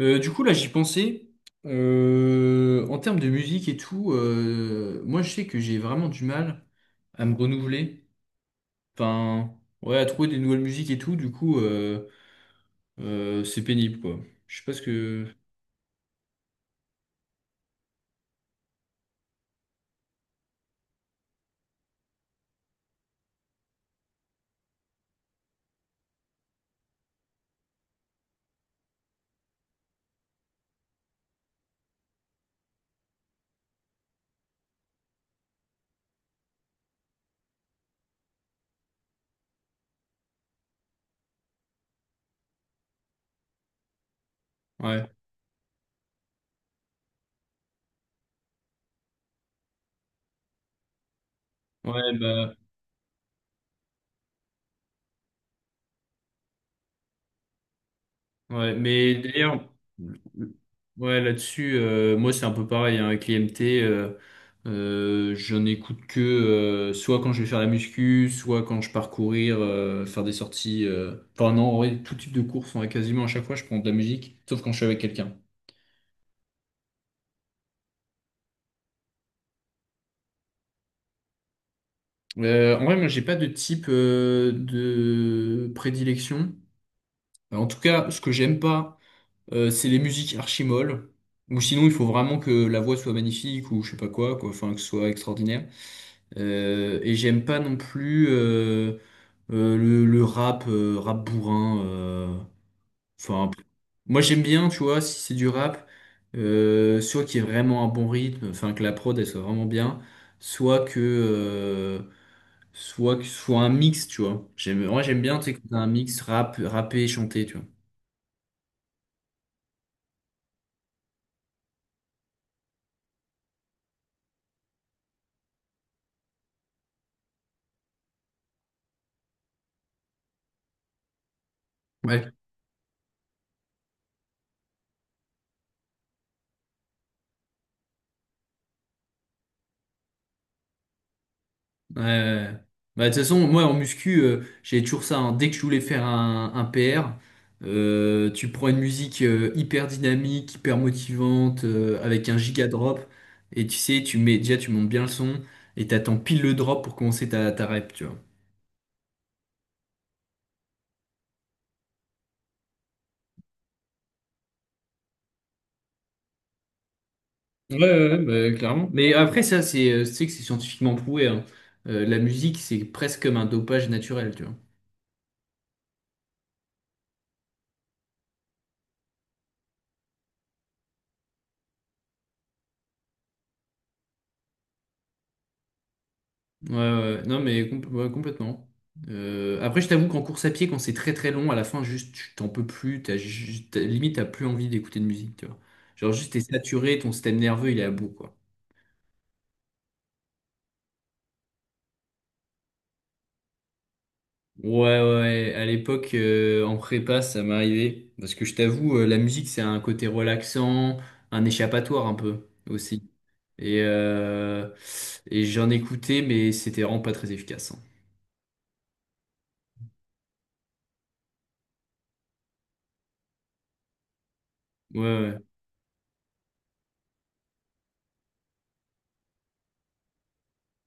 Du coup, là, j'y pensais. En termes de musique et tout, moi, je sais que j'ai vraiment du mal à me renouveler. Enfin, ouais, à trouver des nouvelles musiques et tout. Du coup, c'est pénible, quoi. Je sais pas ce que. Ouais, ouais, bah, ouais. Mais d'ailleurs. Ouais, là-dessus, moi c'est un peu pareil hein, avec l'IMT. J'en écoute que soit quand je vais faire la muscu, soit quand je pars courir, faire des sorties. Enfin non, en vrai, tout type de course, en quasiment à chaque fois, je prends de la musique, sauf quand je suis avec quelqu'un. En vrai, moi j'ai pas de type de prédilection. En tout cas, ce que j'aime pas, c'est les musiques archi molles. Ou sinon, il faut vraiment que la voix soit magnifique ou je sais pas quoi, quoi. Enfin, que ce soit extraordinaire. Et j'aime pas non plus le rap, rap bourrin. Enfin, moi j'aime bien, tu vois, si c'est du rap, soit qu'il y ait vraiment un bon rythme, enfin que la prod elle soit vraiment bien, soit que, euh, soit que ce soit un mix, tu vois. Moi j'aime bien, tu sais, quand t'as un mix rap, rappé et chanté, tu vois. Ouais. Ouais, ouais. Ouais. Bah, de toute façon, moi en muscu, j'avais toujours ça, hein. Dès que je voulais faire un PR, tu prends une musique hyper dynamique, hyper motivante, avec un giga drop, et tu sais, tu mets déjà, tu montes bien le son, et t'attends pile le drop pour commencer ta rep, tu vois. Ouais, ouais, ouais, bah, clairement. Mais après, ça, c'est, tu sais que c'est scientifiquement prouvé, hein. La musique, c'est presque comme un dopage naturel, tu vois. Ouais, ouais. Ouais. Non, mais ouais, complètement. Après, je t'avoue qu'en course à pied, quand c'est très très long, à la fin, juste, tu t'en peux plus. Limite, t'as plus envie d'écouter de musique, tu vois. Genre, juste, t'es saturé, ton système nerveux, il est à bout, quoi. Ouais, ouais, à l'époque, en prépa, ça m'arrivait. Parce que je t'avoue, la musique, c'est un côté relaxant, un échappatoire un peu aussi. Et, euh, et j'en écoutais, mais c'était vraiment pas très efficace, hein. Ouais, ouais,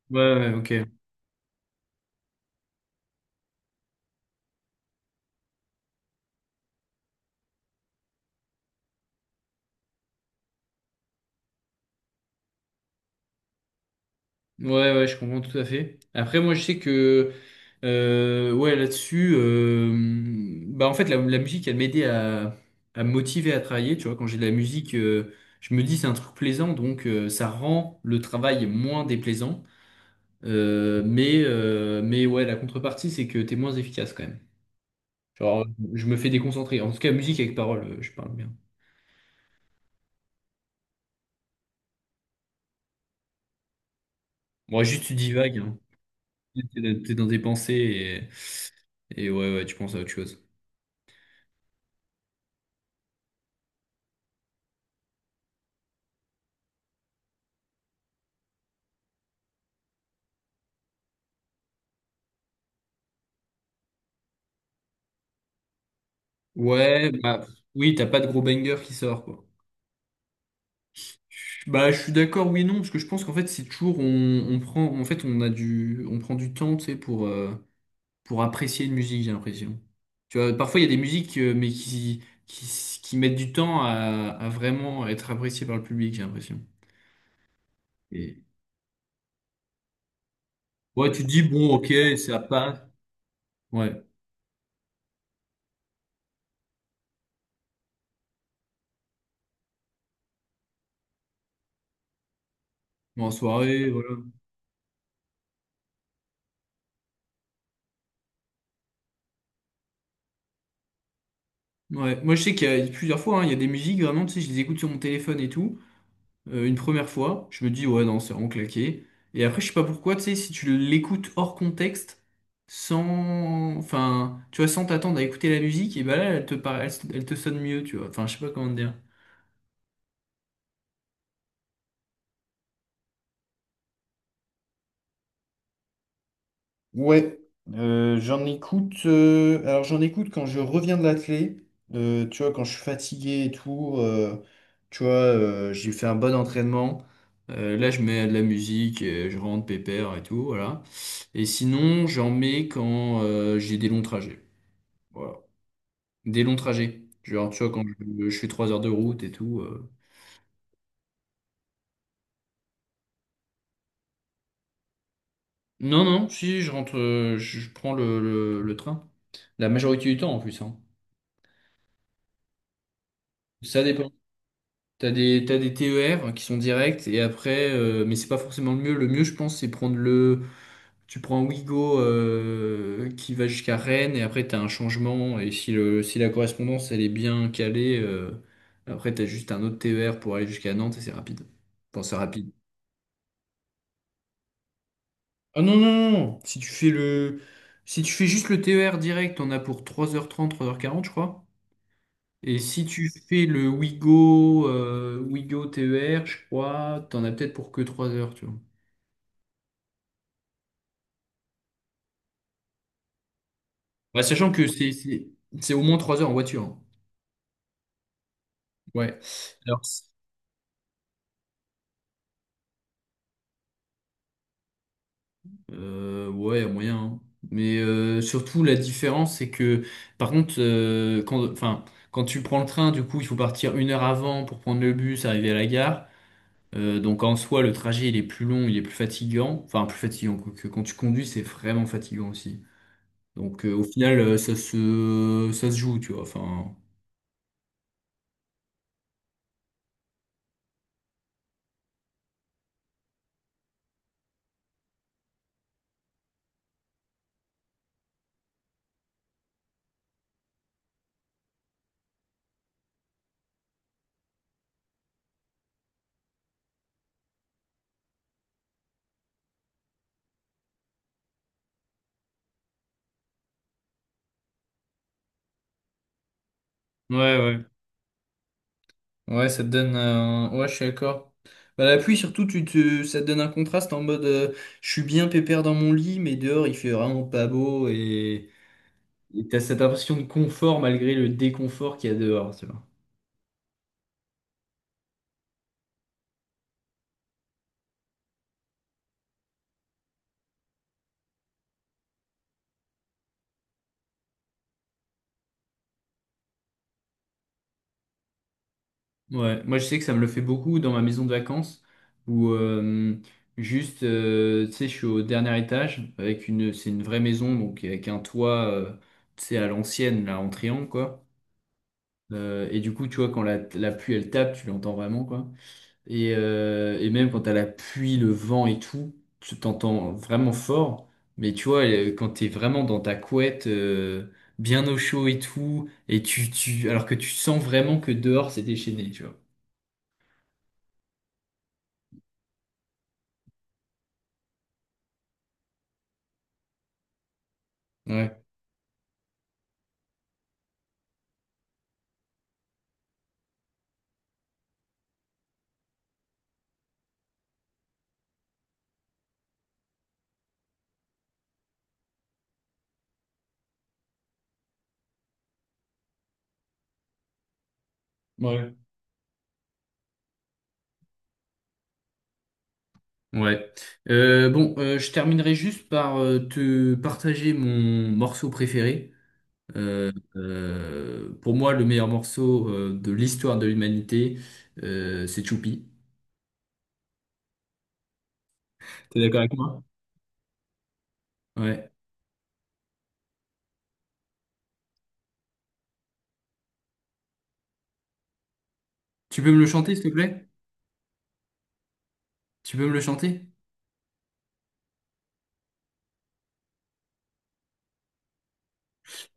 ouais, ouais, ok. Ouais, ouais, je comprends tout à fait. Après, moi, je sais que, ouais, là-dessus, bah, en fait, la musique, elle m'aidait à me motiver à travailler. Tu vois, quand j'ai de la musique, je me dis, c'est un truc plaisant, donc ça rend le travail moins déplaisant. Mais ouais, la contrepartie, c'est que t'es moins efficace quand même. Genre, je me fais déconcentrer. En tout cas, musique avec parole, je parle bien. Moi, juste, tu divagues, hein. T'es dans tes pensées et ouais, ouais, tu penses à autre chose. Ouais, bah oui, t'as pas de gros banger qui sort, quoi. Bah, je suis d'accord, oui, non, parce que je pense qu'en fait, c'est toujours, on prend, en fait, on prend du temps, tu sais, pour apprécier une musique, j'ai l'impression. Tu vois, parfois, il y a des musiques, mais qui mettent du temps à vraiment être appréciées par le public, j'ai l'impression. Et... Ouais, tu te dis, bon, ok, ça passe. Ouais, bon, en soirée, voilà. Ouais, moi, je sais qu'il y a plusieurs fois, hein, il y a des musiques, vraiment, tu sais, je les écoute sur mon téléphone et tout. Une première fois, je me dis ouais non, c'est vraiment claqué. Et après, je sais pas pourquoi, tu sais, si tu l'écoutes hors contexte, sans, enfin, tu vois, sans t'attendre à écouter la musique, et bah là, elle te sonne mieux, tu vois. Enfin, je sais pas comment te dire. Ouais, j'en écoute. Alors j'en écoute quand je reviens de l'athlé, tu vois, quand je suis fatigué et tout. Tu vois, j'ai fait un bon entraînement. Là, je mets de la musique, je rentre pépère et tout, voilà. Et sinon, j'en mets quand j'ai des longs trajets. Voilà. Des longs trajets. Genre, tu vois, quand je fais 3 heures de route et tout. Non, non, si, je rentre, je prends le train. La majorité du temps, en plus, hein. Ça dépend. T'as des TER qui sont directs et après, mais c'est pas forcément le mieux. Le mieux, je pense, c'est prendre le. Tu prends Ouigo qui va jusqu'à Rennes et après t'as un changement. Et si la correspondance elle est bien calée, après t'as juste un autre TER pour aller jusqu'à Nantes et c'est rapide. Enfin, c'est rapide. Ah non, non, non! Non. Si tu fais le. Si tu fais juste le TER direct, on a pour 3h30 3h40 je crois. Et si tu fais le Ouigo, Ouigo TER, je crois, t'en as peut-être pour que 3 heures, tu vois. Ouais, sachant que c'est au moins 3 heures en voiture, hein. Ouais. Alors, ouais, moyen, hein. Mais surtout, la différence, c'est que, par contre, enfin, quand tu prends le train, du coup, il faut partir 1 heure avant pour prendre le bus, arriver à la gare. Donc, en soi, le trajet, il est plus long, il est plus fatigant. Enfin, plus fatigant, quoique quand tu conduis, c'est vraiment fatigant aussi. Donc, au final, ça se joue, tu vois. Enfin, ouais, ouais. Ouais, ça te donne un... Ouais, je suis d'accord. Bah, la pluie, surtout, tu te... ça te donne un contraste en mode, je suis bien pépère dans mon lit, mais dehors, il fait vraiment pas beau et t'as cette impression de confort malgré le déconfort qu'il y a dehors, tu vois. Ouais, moi, je sais que ça me le fait beaucoup dans ma maison de vacances où juste, tu sais, je suis au dernier étage avec une... C'est une vraie maison, donc avec un toit, tu sais, à l'ancienne, là, en triangle, quoi. Et du coup, tu vois, quand la pluie, elle tape, tu l'entends vraiment, quoi. Et même quand t'as la pluie, le vent et tout, tu t'entends vraiment fort. Mais tu vois, quand t'es vraiment dans ta couette, bien au chaud et tout, alors que tu sens vraiment que dehors c'est déchaîné, tu vois. Ouais, ouais. Ouais. Bon, je terminerai juste par te partager mon morceau préféré. Pour moi, le meilleur morceau de l'histoire de l'humanité, c'est Choupi. T'es d'accord avec moi? Ouais. Tu peux me le chanter, s'il te plaît? Tu peux me le chanter?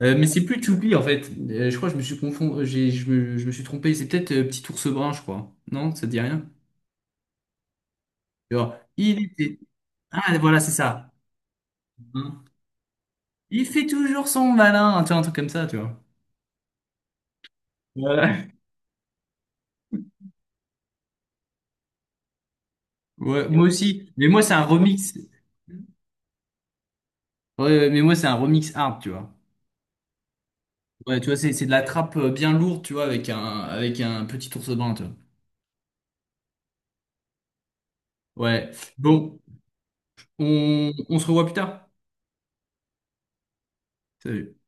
Mais c'est plus Tchoupi en fait. Je crois que je me suis confond... j'ai- je me suis trompé. C'est peut-être Petit ours brun, je crois. Non, ça te dit rien? Genre, il était. Ah, voilà, c'est ça. Hein. Il fait toujours son malin, tu vois, un truc comme ça, tu vois. Voilà. Ouais, moi aussi. Mais moi, c'est un remix. Ouais, ouais, mais moi, c'est un remix hard, tu vois. Ouais, tu vois, c'est de la trappe, bien lourde, tu vois, avec un petit ours brun, tu vois. Ouais. Bon, on se revoit plus tard. Salut.